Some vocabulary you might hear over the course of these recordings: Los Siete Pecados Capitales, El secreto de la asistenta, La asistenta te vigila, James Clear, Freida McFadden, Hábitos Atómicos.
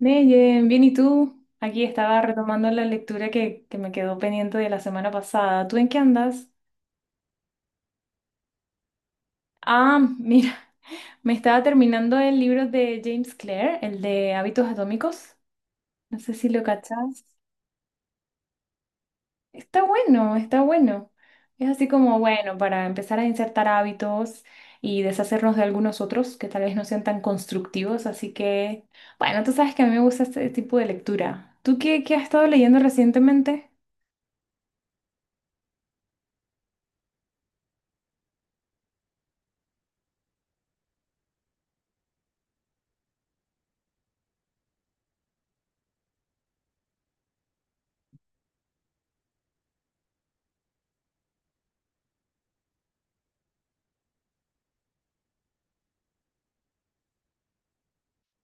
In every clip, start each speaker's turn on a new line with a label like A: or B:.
A: Neyen, bien, ¿y tú? Aquí estaba retomando la lectura que me quedó pendiente de la semana pasada. ¿Tú en qué andas? Ah, mira, me estaba terminando el libro de James Clear, el de Hábitos Atómicos. No sé si lo cachas. Está bueno, está bueno. Es así como, bueno, para empezar a insertar hábitos y deshacernos de algunos otros que tal vez no sean tan constructivos. Así que, bueno, tú sabes que a mí me gusta este tipo de lectura. ¿Tú qué has estado leyendo recientemente?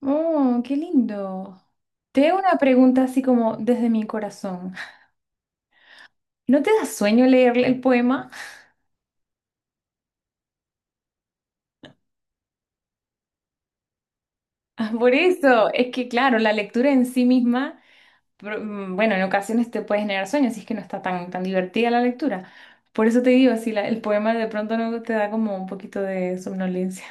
A: Oh, qué lindo. Te hago una pregunta así como desde mi corazón. ¿No te da sueño leer el poema? Ah, por eso, es que claro, la lectura en sí misma, bueno, en ocasiones te puede generar sueños si es que no está tan, tan divertida la lectura. Por eso te digo, si el poema de pronto no te da como un poquito de somnolencia.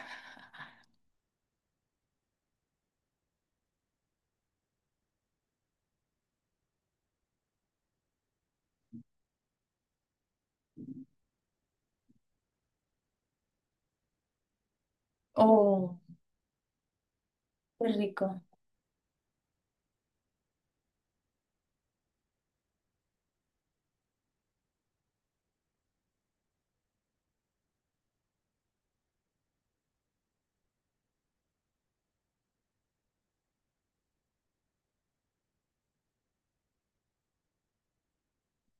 A: Oh, qué rico.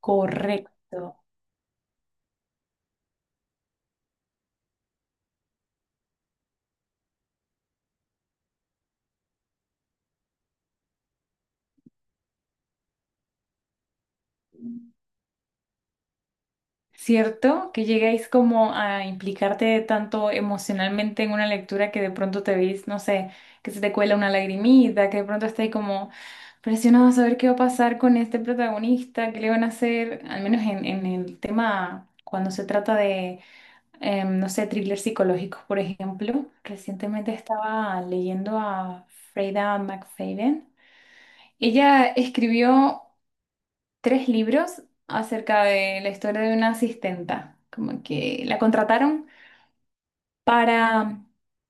A: Correcto. ¿Cierto? Que llegáis como a implicarte tanto emocionalmente en una lectura que de pronto te veis, no sé, que se te cuela una lagrimita, que de pronto estáis como presionado a saber qué va a pasar con este protagonista, qué le van a hacer, al menos en el tema cuando se trata de, no sé, thrillers psicológicos, por ejemplo. Recientemente estaba leyendo a Freida McFadden. Ella escribió tres libros acerca de la historia de una asistenta, como que la contrataron para,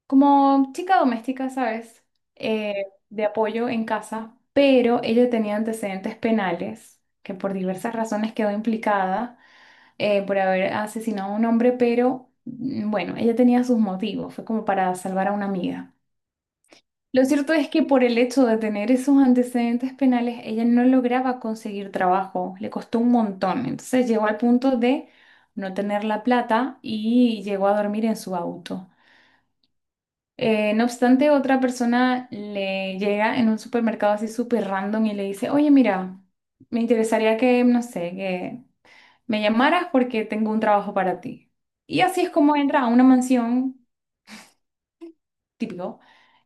A: como chica doméstica, ¿sabes? Eh, de apoyo en casa, pero ella tenía antecedentes penales, que por diversas razones quedó implicada por haber asesinado a un hombre, pero bueno, ella tenía sus motivos, fue como para salvar a una amiga. Lo cierto es que por el hecho de tener esos antecedentes penales, ella no lograba conseguir trabajo, le costó un montón. Entonces llegó al punto de no tener la plata y llegó a dormir en su auto. No obstante, otra persona le llega en un supermercado así súper random y le dice, oye, mira, me interesaría que, no sé, que me llamaras porque tengo un trabajo para ti. Y así es como entra a una mansión típico,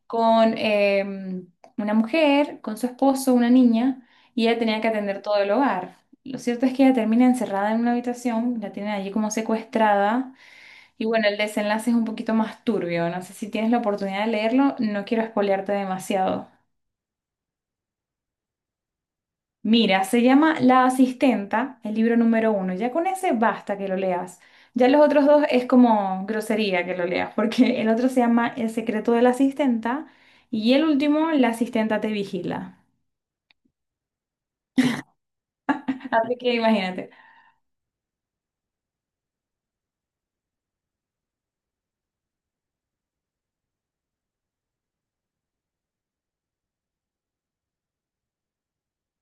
A: con em, una mujer, con su esposo, una niña, y ella tenía que atender todo el hogar. Lo cierto es que ella termina encerrada en una habitación, la tienen allí como secuestrada, y bueno, el desenlace es un poquito más turbio. No sé si tienes la oportunidad de leerlo, no quiero espolearte demasiado. Mira, se llama La Asistenta, el libro número uno. Ya con ese basta que lo leas. Ya los otros dos es como grosería que lo leas, porque el otro se llama El secreto de la asistenta y el último, La asistenta te vigila. Así que imagínate.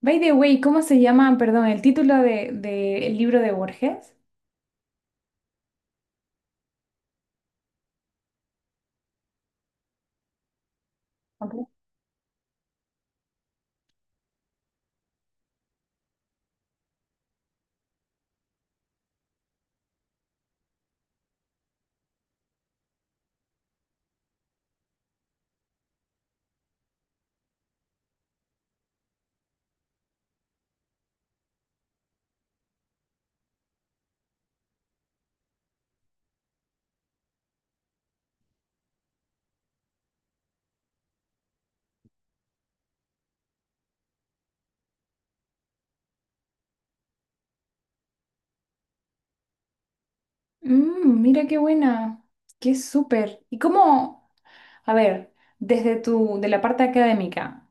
A: By the way, ¿cómo se llama, perdón, el título de el libro de Borges? Ok. Mm, mira qué buena, qué súper. ¿Y cómo? A ver, desde tu, de la parte académica.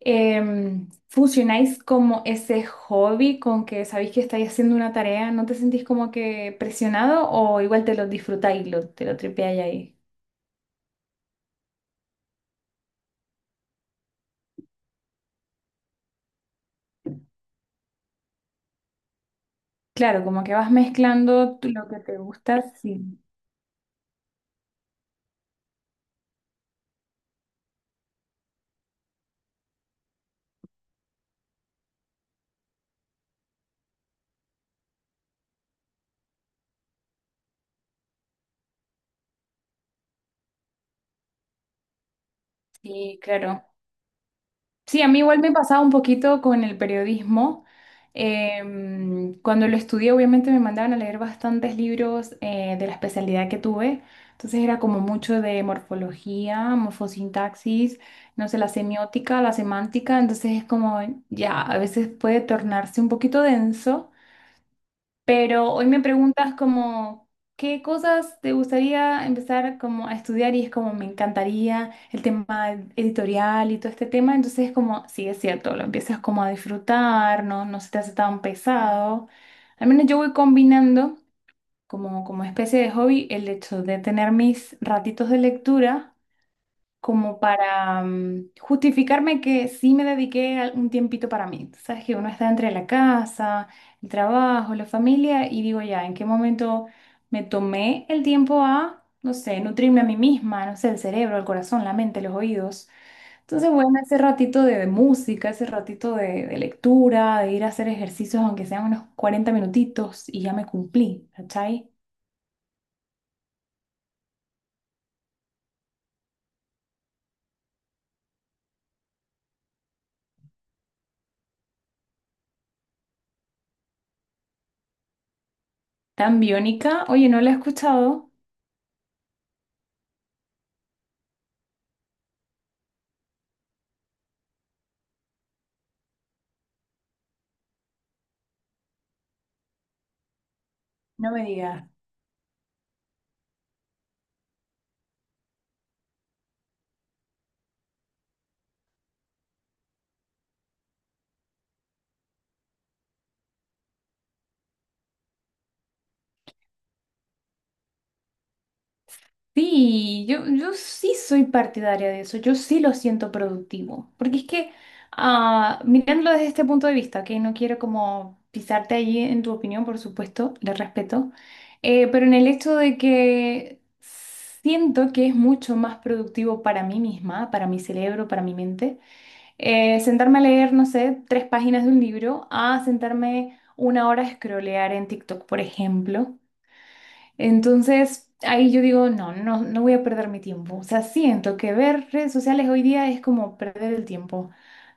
A: ¿Funcionáis como ese hobby con que sabéis que estáis haciendo una tarea? ¿No te sentís como que presionado o igual te lo disfrutáis, lo, te lo tripeáis ahí? Claro, como que vas mezclando tú lo que te gusta, sí, sí, claro. Sí, a mí igual me pasaba un poquito con el periodismo. Cuando lo estudié, obviamente me mandaban a leer bastantes libros de la especialidad que tuve. Entonces era como mucho de morfología, morfosintaxis, no sé, la semiótica, la semántica. Entonces es como, ya, a veces puede tornarse un poquito denso. Pero hoy me preguntas como, ¿qué cosas te gustaría empezar como a estudiar? Y es como, me encantaría el tema editorial y todo este tema. Entonces es como, sí, es cierto, lo empiezas como a disfrutar, ¿no? No se te hace tan pesado. Al menos yo voy combinando como, como especie de hobby el hecho de tener mis ratitos de lectura como para justificarme que sí me dediqué al- un tiempito para mí. Tú sabes que uno está entre la casa, el trabajo, la familia y digo ya, ¿en qué momento me tomé el tiempo a, no sé, nutrirme a mí misma, no sé, el cerebro, el corazón, la mente, los oídos? Entonces, bueno, ese ratito de música, ese ratito de lectura, de ir a hacer ejercicios, aunque sean unos 40 minutitos, y ya me cumplí, ¿cachai? Tan Biónica, oye, no la he escuchado, no me digas. Sí, yo sí soy partidaria de eso, yo sí lo siento productivo, porque es que ah, mirándolo desde este punto de vista, que no quiero como pisarte allí en tu opinión, por supuesto, le respeto, pero en el hecho de que siento que es mucho más productivo para mí misma, para mi cerebro, para mi mente, sentarme a leer, no sé, tres páginas de un libro, a sentarme una hora a scrollear en TikTok, por ejemplo. Entonces, ahí yo digo, no, no, no voy a perder mi tiempo. O sea, siento que ver redes sociales hoy día es como perder el tiempo.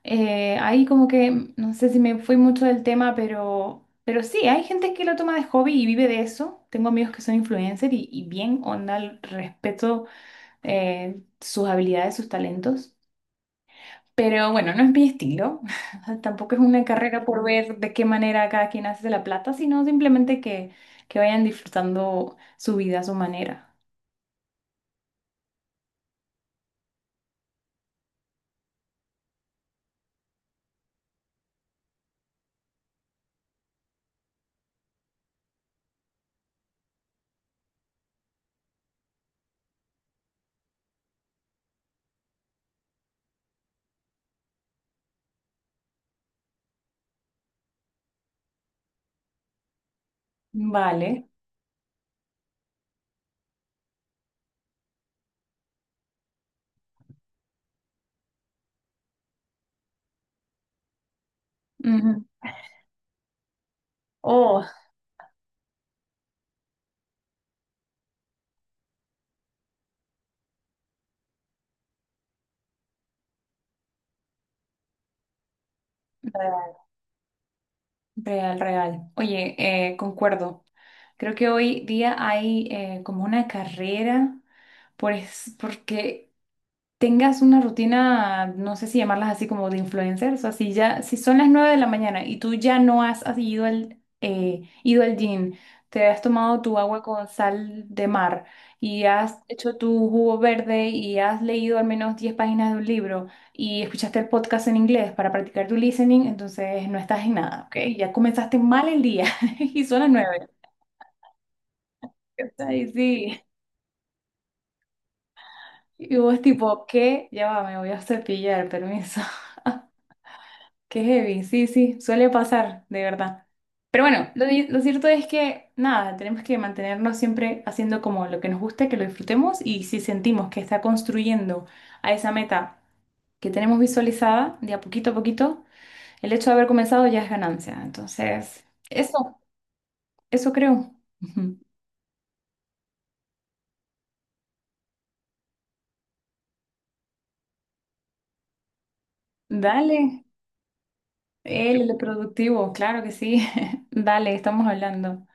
A: Ahí como que, no sé si me fui mucho del tema, pero sí, hay gente que lo toma de hobby y vive de eso. Tengo amigos que son influencers y bien onda, respeto sus habilidades, sus talentos. Pero bueno, no es mi estilo. O sea, tampoco es una carrera por ver de qué manera cada quien hace la plata, sino simplemente que vayan disfrutando su vida a su manera. Vale. Ujú. Oh, real, real, real. Oye, concuerdo. Creo que hoy día hay como una carrera porque tengas una rutina, no sé si llamarlas así como de influencers, o así ya, si son las 9 de la mañana y tú ya no has ido ido al gym, te has tomado tu agua con sal de mar y has hecho tu jugo verde y has leído al menos 10 páginas de un libro y escuchaste el podcast en inglés para practicar tu listening, entonces no estás en nada, ¿ok? Ya comenzaste mal el día y son las 9. O sea, y sí. Y vos tipo, ¿qué? Ya va, me voy a cepillar, permiso. Qué heavy, sí, sí, suele pasar, de verdad. Pero bueno, lo cierto es que nada, tenemos que mantenernos siempre haciendo como lo que nos gusta, que lo disfrutemos y si sentimos que está construyendo a esa meta que tenemos visualizada, de a poquito, el hecho de haber comenzado ya es ganancia. Entonces, eso, eso creo. Ujú. Dale, el productivo, claro que sí. Dale, estamos hablando.